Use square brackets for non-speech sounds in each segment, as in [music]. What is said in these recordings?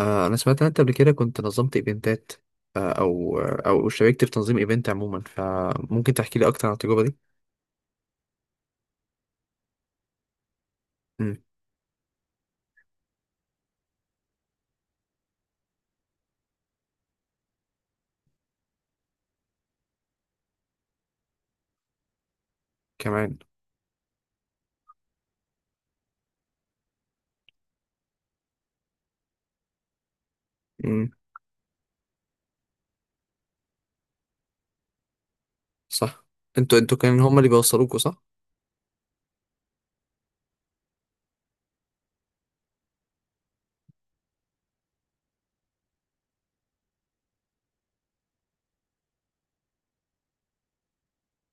انا سمعت ان انت قبل كده كنت نظمت ايفنتات. او شاركت في تنظيم ايفنت عموما، فممكن تحكي لي اكتر عن التجربه دي؟ امم. كمان. امم. صح. انتوا كان هم اللي بيوصلوكوا، صح؟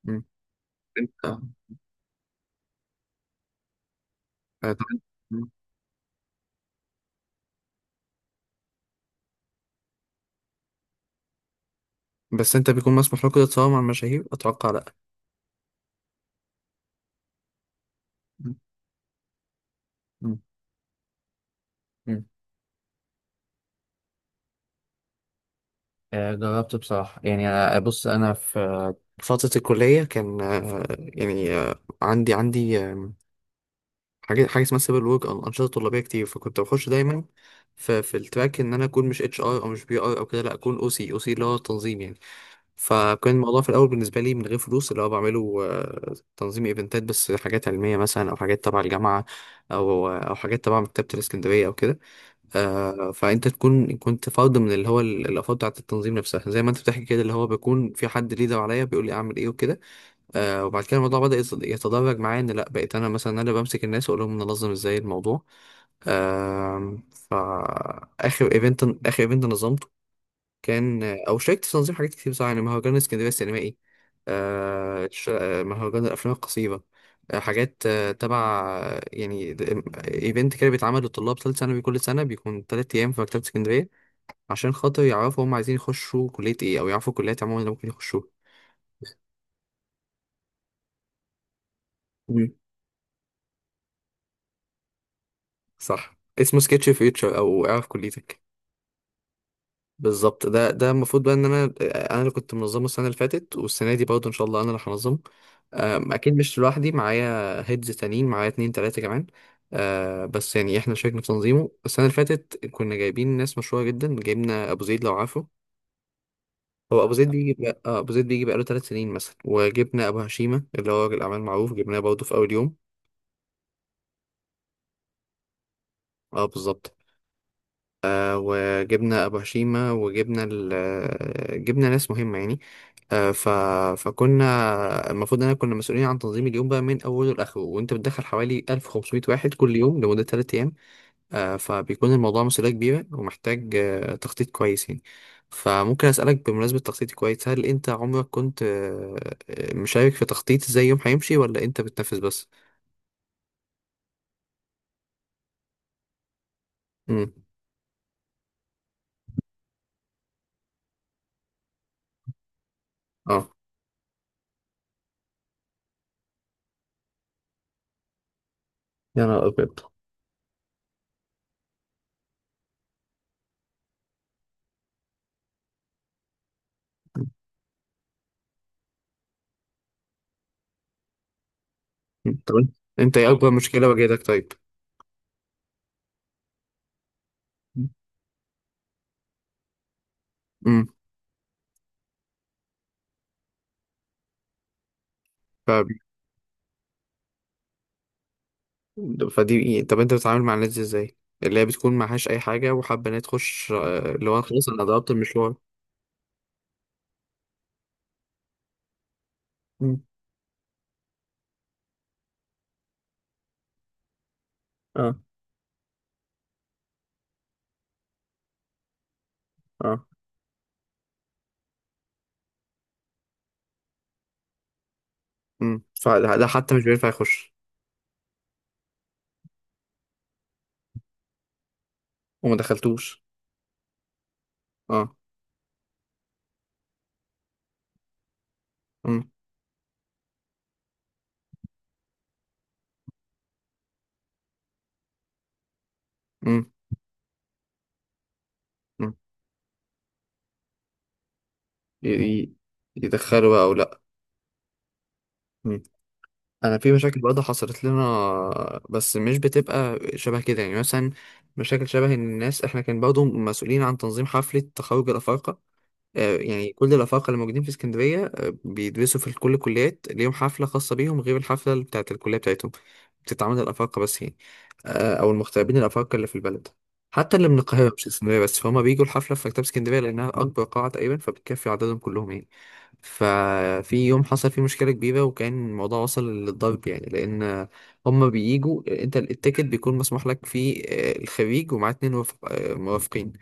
امم. انت آه، طب أنت- مم. بس انت بيكون مسموح لكم تتصور مع المشاهير، اتوقع لا. مم. مم. مم. جربت بصراحة. يعني أنا، بص أنا في فترة الكلية كان يعني، عندي حاجه اسمها سيفل ورك او انشطه طلابيه كتير، فكنت بخش دايما في التراك ان انا اكون مش اتش ار او مش بي ار او كده، لا اكون او سي او سي اللي هو تنظيم يعني. فكان الموضوع في الاول بالنسبه لي من غير فلوس، اللي هو بعمله تنظيم ايفنتات، بس حاجات علميه مثلا او حاجات تبع الجامعه او حاجات تبع مكتبه الاسكندريه او كده. فانت كنت فرد من اللي هو الافراد بتاعت التنظيم نفسها، زي ما انت بتحكي كده، اللي هو بيكون في حد ليدر عليا بيقول لي اعمل ايه وكده. آه. وبعد كده الموضوع بدأ يتدرج معايا ان لا، بقيت انا مثلا اللي بمسك الناس واقول لهم ننظم ازاي الموضوع. آه. فاخر ايفنت اخر ايفنت نظمته كان، شاركت في تنظيم حاجات كتير بصراحه، يعني مهرجان اسكندريه السينمائي، مهرجان الافلام القصيره. حاجات تبع يعني ايفنت كده بيتعمل للطلاب ثالث ثانوي كل سنه، بيكون 3 ايام في مكتبه اسكندريه، عشان خاطر يعرفوا هم عايزين يخشوا كليه ايه او يعرفوا الكليات عموما اللي ممكن يخشوها. صح، اسمه سكتش فيوتشر او اعرف كليتك. بالظبط، ده المفروض بقى ان انا اللي كنت منظمه السنه اللي فاتت، والسنه دي برضه ان شاء الله انا اللي هنظمه. اكيد مش لوحدي، معايا هيدز تانيين، معايا اتنين تلاته كمان. أه، بس يعني احنا شاركنا في تنظيمه السنه اللي فاتت، كنا جايبين ناس مشهوره جدا، جايبنا ابو زيد لو عارفه. هو ابو زيد بيجي بقى، ابو زيد بيجي بقاله 3 سنين مثلا، وجبنا ابو هشيمه اللي هو راجل اعمال معروف، جبناه برضه في اول يوم. اه بالظبط. وجبنا ابو هشيمه، جبنا ناس مهمه يعني. آه، ف... فكنا المفروض ان كنا مسؤولين عن تنظيم اليوم بقى من اوله لاخره، وانت بتدخل حوالي 1500 واحد كل يوم لمده 3 ايام. فبيكون الموضوع مسؤوليه كبيره ومحتاج تخطيط كويس يعني. فممكن اسالك بمناسبه تخطيط كويس، هل انت عمرك كنت مشارك في تخطيط ازاي يوم هيمشي ولا انت بتنفذ بس؟ امم. اه. يا نهار ابيض. مم. طب انت، إنت ايه اكبر مشكله واجهتك طيب؟ مم. ف... فدي إيه؟ طب انت بتتعامل مع الناس دي ازاي، اللي هي بتكون معهاش اي حاجه وحابه ان هي تخش، اللي هو خلاص انا ضربت المشوار. مم. اه اه. امم. فده حتى مش بينفع يخش. وما دخلتوش. اه. امم. امم. امم. ي- ي- يدخلوا بقى او لا؟ مم. انا في مشاكل برضه حصلت لنا، بس مش بتبقى شبه كده يعني. مثلا مشاكل شبه ان الناس، احنا كان برضه مسؤولين عن تنظيم حفله تخرج الافارقه. يعني كل الأفارقة اللي موجودين في اسكندرية بيدرسوا في كل الكليات ليهم حفلة خاصة بيهم، غير الحفلة اللي بتاعت الكلية بتاعتهم. بتتعمل الأفارقة بس يعني، أو المغتربين الأفارقة اللي في البلد. حتى اللي من القاهرة مش اسكندرية بس، فهم بيجوا الحفلة في مكتبة اسكندرية لأنها أكبر قاعة تقريبا، فبتكفي عددهم كلهم يعني. ففي يوم حصل فيه مشكلة كبيرة وكان الموضوع وصل للضرب يعني، لأن هم بييجوا، أنت التيكت بيكون مسموح لك فيه الخريج ومعاه اتنين مرافقين.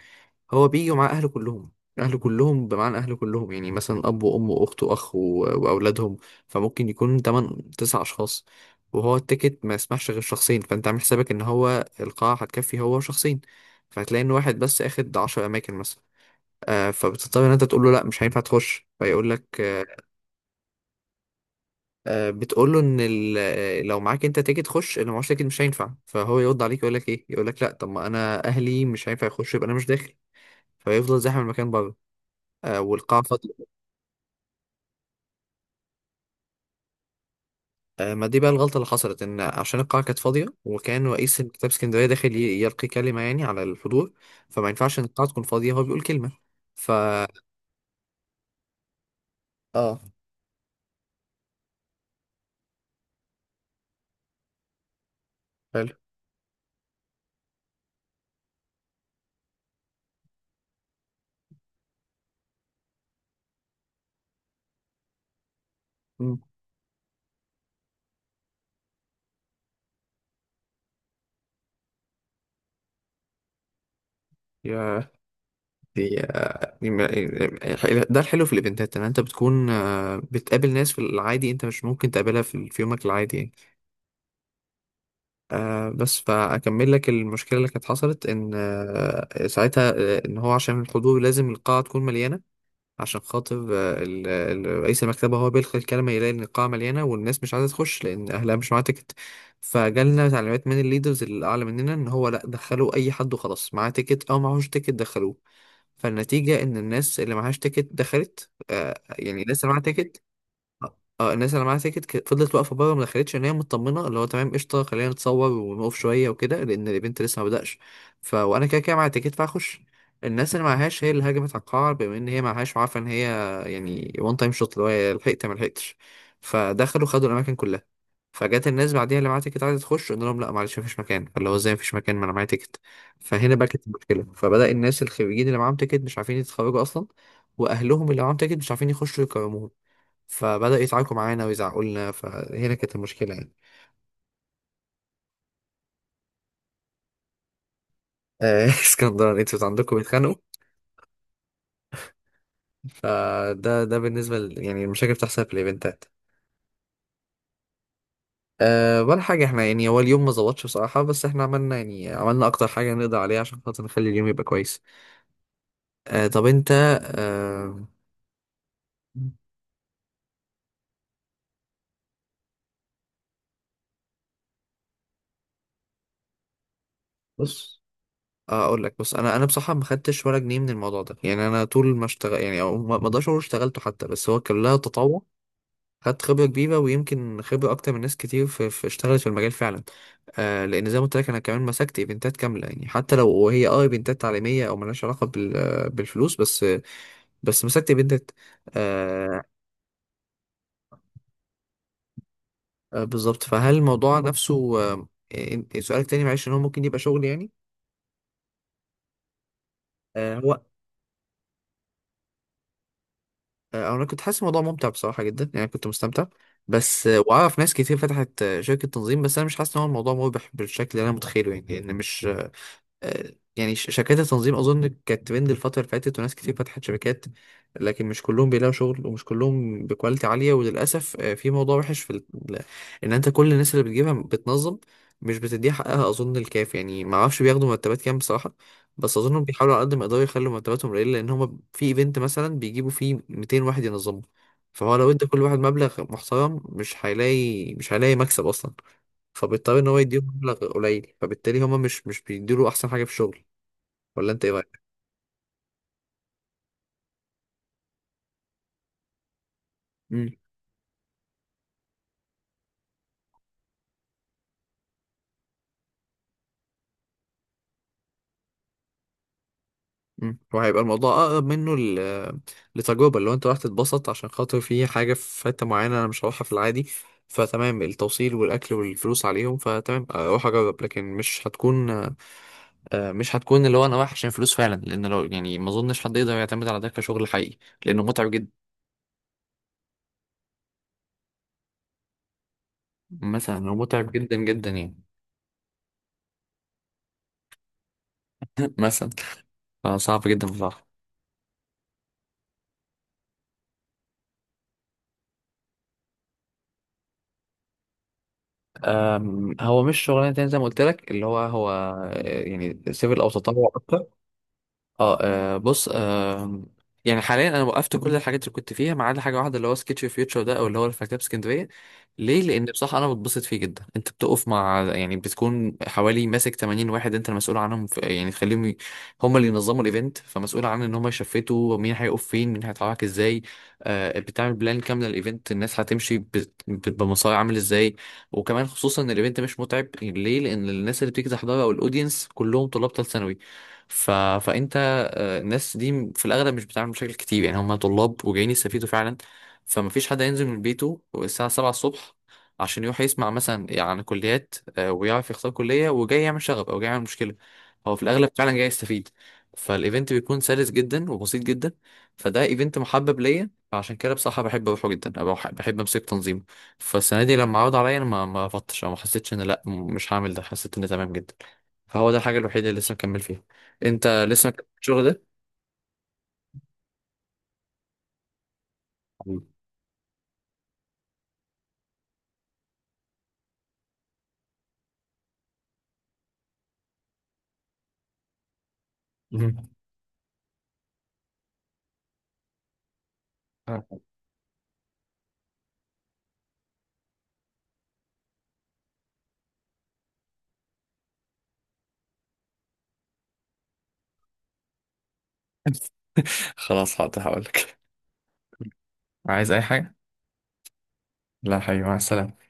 هو بيجي ومعاه أهله كلهم، اهله كلهم بمعنى اهله كلهم، يعني مثلا اب وام واخت واخ واولادهم. فممكن يكون 8 9 اشخاص، وهو التيكت ما يسمحش غير شخصين، فانت عامل حسابك ان هو القاعة هتكفي هو شخصين، فهتلاقي ان واحد بس اخد 10 اماكن مثلا. آه، فبتضطر ان انت تقول له لا مش هينفع تخش، فيقول لك آه. بتقول له ان لو معاك انت تيكت خش، لو معاش تيكت مش هينفع، فهو يرد عليك يقول لك ايه، يقول لك لا طب ما انا اهلي مش هينفع يخش يبقى انا مش داخل، فيفضل زاحم المكان بره. آه، والقاعة فاضية. آه، ما دي بقى الغلطة اللي حصلت، إن عشان القاعة كانت فاضية وكان رئيس مكتبة اسكندرية داخل يلقي كلمة يعني على الحضور، فما ينفعش إن القاعة تكون فاضية هو بيقول كلمة. ف. آه. حلو. مم. يا. دي، دي ما- إيه، إيه، ده الحلو في الإيفنتات، إن أنت بتكون بتقابل ناس في العادي أنت مش ممكن تقابلها في يومك العادي يعني. بس فأكمل لك المشكلة اللي كانت حصلت، إن ساعتها إن هو عشان الحضور لازم القاعة تكون مليانة. عشان خاطر رئيس المكتبة هو بيلقي الكلمة، يلاقي إن القاعة مليانة والناس مش عايزة تخش لأن أهلها مش معاها تيكت. فجالنا تعليمات من الليدرز اللي أعلى مننا إن هو لأ، دخلوا أي حد وخلاص، معاه تيكت أو معهوش تيكت دخلوه. فالنتيجة إن الناس اللي معهاش تيكت دخلت يعني الناس اللي معاها تيكت. اه، الناس اللي معاها تيكت فضلت واقفه بره ما دخلتش، ان هي مطمنه اللي هو تمام قشطه، خلينا نتصور ونقف شويه وكده لان الايفنت لسه ما بداش. ف وانا كده كده معايا تيكت فهخش. الناس اللي معهاش هي اللي هاجمت على القاعه، بما ان هي معهاش وعارفه ان هي، يعني وان تايم شوت اللي هو يا لحقت يا ما لحقتش، فدخلوا خدوا الاماكن كلها. فجت الناس بعديها اللي معاها تيكت عايزه تخش، قلنا لهم لا معلش مفيش مكان، فاللي هو ازاي مفيش مكان ما انا معايا تيكت. فهنا بقى كانت المشكله. فبدا الناس الخريجين اللي معاهم تيكت مش عارفين يتخرجوا اصلا، واهلهم اللي معاهم تيكت مش عارفين يخشوا يكرموهم، فبدأوا يتعاركوا معانا ويزعقوا لنا، فهنا كانت المشكلة يعني. [laughs] اسكندران انتوا عندكم بيتخانقوا. فده بالنسبة يعني المشاكل بتحصل في الايفنتات. أه ولا حاجة، احنا يعني هو اليوم ما ظبطش بصراحة، بس احنا عملنا يعني عملنا أكتر حاجة نقدر عليها عشان خاطر نخلي اليوم يبقى كويس. أه طب انت. أه بص آه، اقول لك. بص انا بصراحه ما خدتش ولا جنيه من الموضوع ده، يعني انا طول ما اشتغل يعني او ما اقدرش اقول اشتغلته حتى، بس هو كان لها تطوع. خدت خبرة كبيرة ويمكن خبرة أكتر من ناس كتير في, اشتغلت في المجال فعلا. آه لأن زي ما قلت لك أنا كمان مسكت إيفنتات كاملة، يعني حتى لو هي أه إيفنتات تعليمية أو ملهاش علاقة بالفلوس بس، مسكت إيفنتات. آه. آه بالظبط. فهل الموضوع نفسه، آه، سؤالك تاني معلش، إن هو ممكن يبقى شغل يعني؟ آه. هو آه، أنا كنت حاسس الموضوع ممتع بصراحة جدا، يعني كنت مستمتع بس. وأعرف ناس كتير فتحت شركة تنظيم، بس أنا مش حاسس إن هو الموضوع مربح بالشكل اللي أنا متخيله يعني، لأن مش، يعني شركات التنظيم اظن كانت ترند الفتره اللي فاتت وناس كتير فتحت شركات. لكن مش كلهم بيلاقوا شغل ومش كلهم بكواليتي عاليه، وللاسف في موضوع وحش في ال- ان انت كل الناس اللي بتجيبها بتنظم مش بتديها حقها، اظن الكاف يعني ما اعرفش بياخدوا مرتبات كام بصراحه. بس اظنهم بيحاولوا على قد ما يقدروا يخلوا مرتباتهم قليله، لان هم في ايفنت مثلا بيجيبوا فيه 200 واحد ينظموا. فهو لو ادى كل واحد مبلغ محترم مش هيلاقي مكسب اصلا. فبيضطر ان هو يديهم مبلغ قليل، فبالتالي هما مش بيديله احسن حاجه في الشغل. ولا انت ايه رايك؟ امم. امم، وهيبقى الموضوع اقرب منه لتجربه، اللي هو انت راح تتبسط عشان خاطر في حاجه في حته معينه انا مش هروحها في العادي، فتمام التوصيل والاكل والفلوس عليهم فتمام اروح اجرب. لكن مش هتكون، مش هتكون اللي هو انا رايح عشان فلوس فعلا، لان لو يعني ما اظنش حد يقدر يعتمد على ده كشغل حقيقي، لانه متعب جدا. مثلا هو متعب جدا جدا يعني. [laughs] مثلا. فصعب جدا بصراحه. هو مش شغلانه، تاني زي ما قلت لك اللي هو يعني سيفل او تطوع اكتر. اه. آه، بص آه يعني حاليا انا وقفت كل الحاجات اللي كنت فيها ما عدا حاجه واحده، اللي هو سكتش فيوتشر ده او اللي هو الفكتاب اسكندريه. ليه؟ لان بصراحه انا بتبسط فيه جدا، انت بتقف مع يعني بتكون حوالي ماسك 80 واحد انت المسؤول عنهم، في يعني تخليهم هم اللي ينظموا الايفنت، فمسؤول عن ان هم يشفتوا مين هيقف فين مين هيتحرك ازاي. آه بتعمل بلان كامله للايفنت، الناس هتمشي بمسار عامل ازاي. وكمان خصوصا ان الايفنت مش متعب ليه، لان الناس اللي بتيجي تحضره او الاودينس كلهم طلاب ثالث ثانوي. ف... فانت الناس دي في الأغلب مش بتتعامل بشكل كتير يعني، هم طلاب وجايين يستفيدوا فعلا. فما فيش حد هينزل من بيته الساعة 7 الصبح عشان يروح يسمع مثلا عن كليات ويعرف يختار كلية، وجاي يعمل شغب أو جاي يعمل مشكلة. هو في الأغلب فعلا جاي يستفيد. فالإيفنت بيكون سلس جدا وبسيط جدا. فده إيفنت محبب ليا، فعشان كده بصراحة بحب أروحه جدا أو بحب أمسك تنظيمه. فالسنة دي لما عرض عليا أنا ما رفضتش أو ما حسيتش إن لأ مش هعمل ده، حسيت إن تمام جدا. فهو ده الحاجة الوحيدة اللي لسه مكمل فيها. أنت لسه مكمل الشغل ده؟ مم. مم. آه. [laughs] خلاص حاضر هقول لك. عايز اي حاجه؟ لا حبيبي، مع السلامه.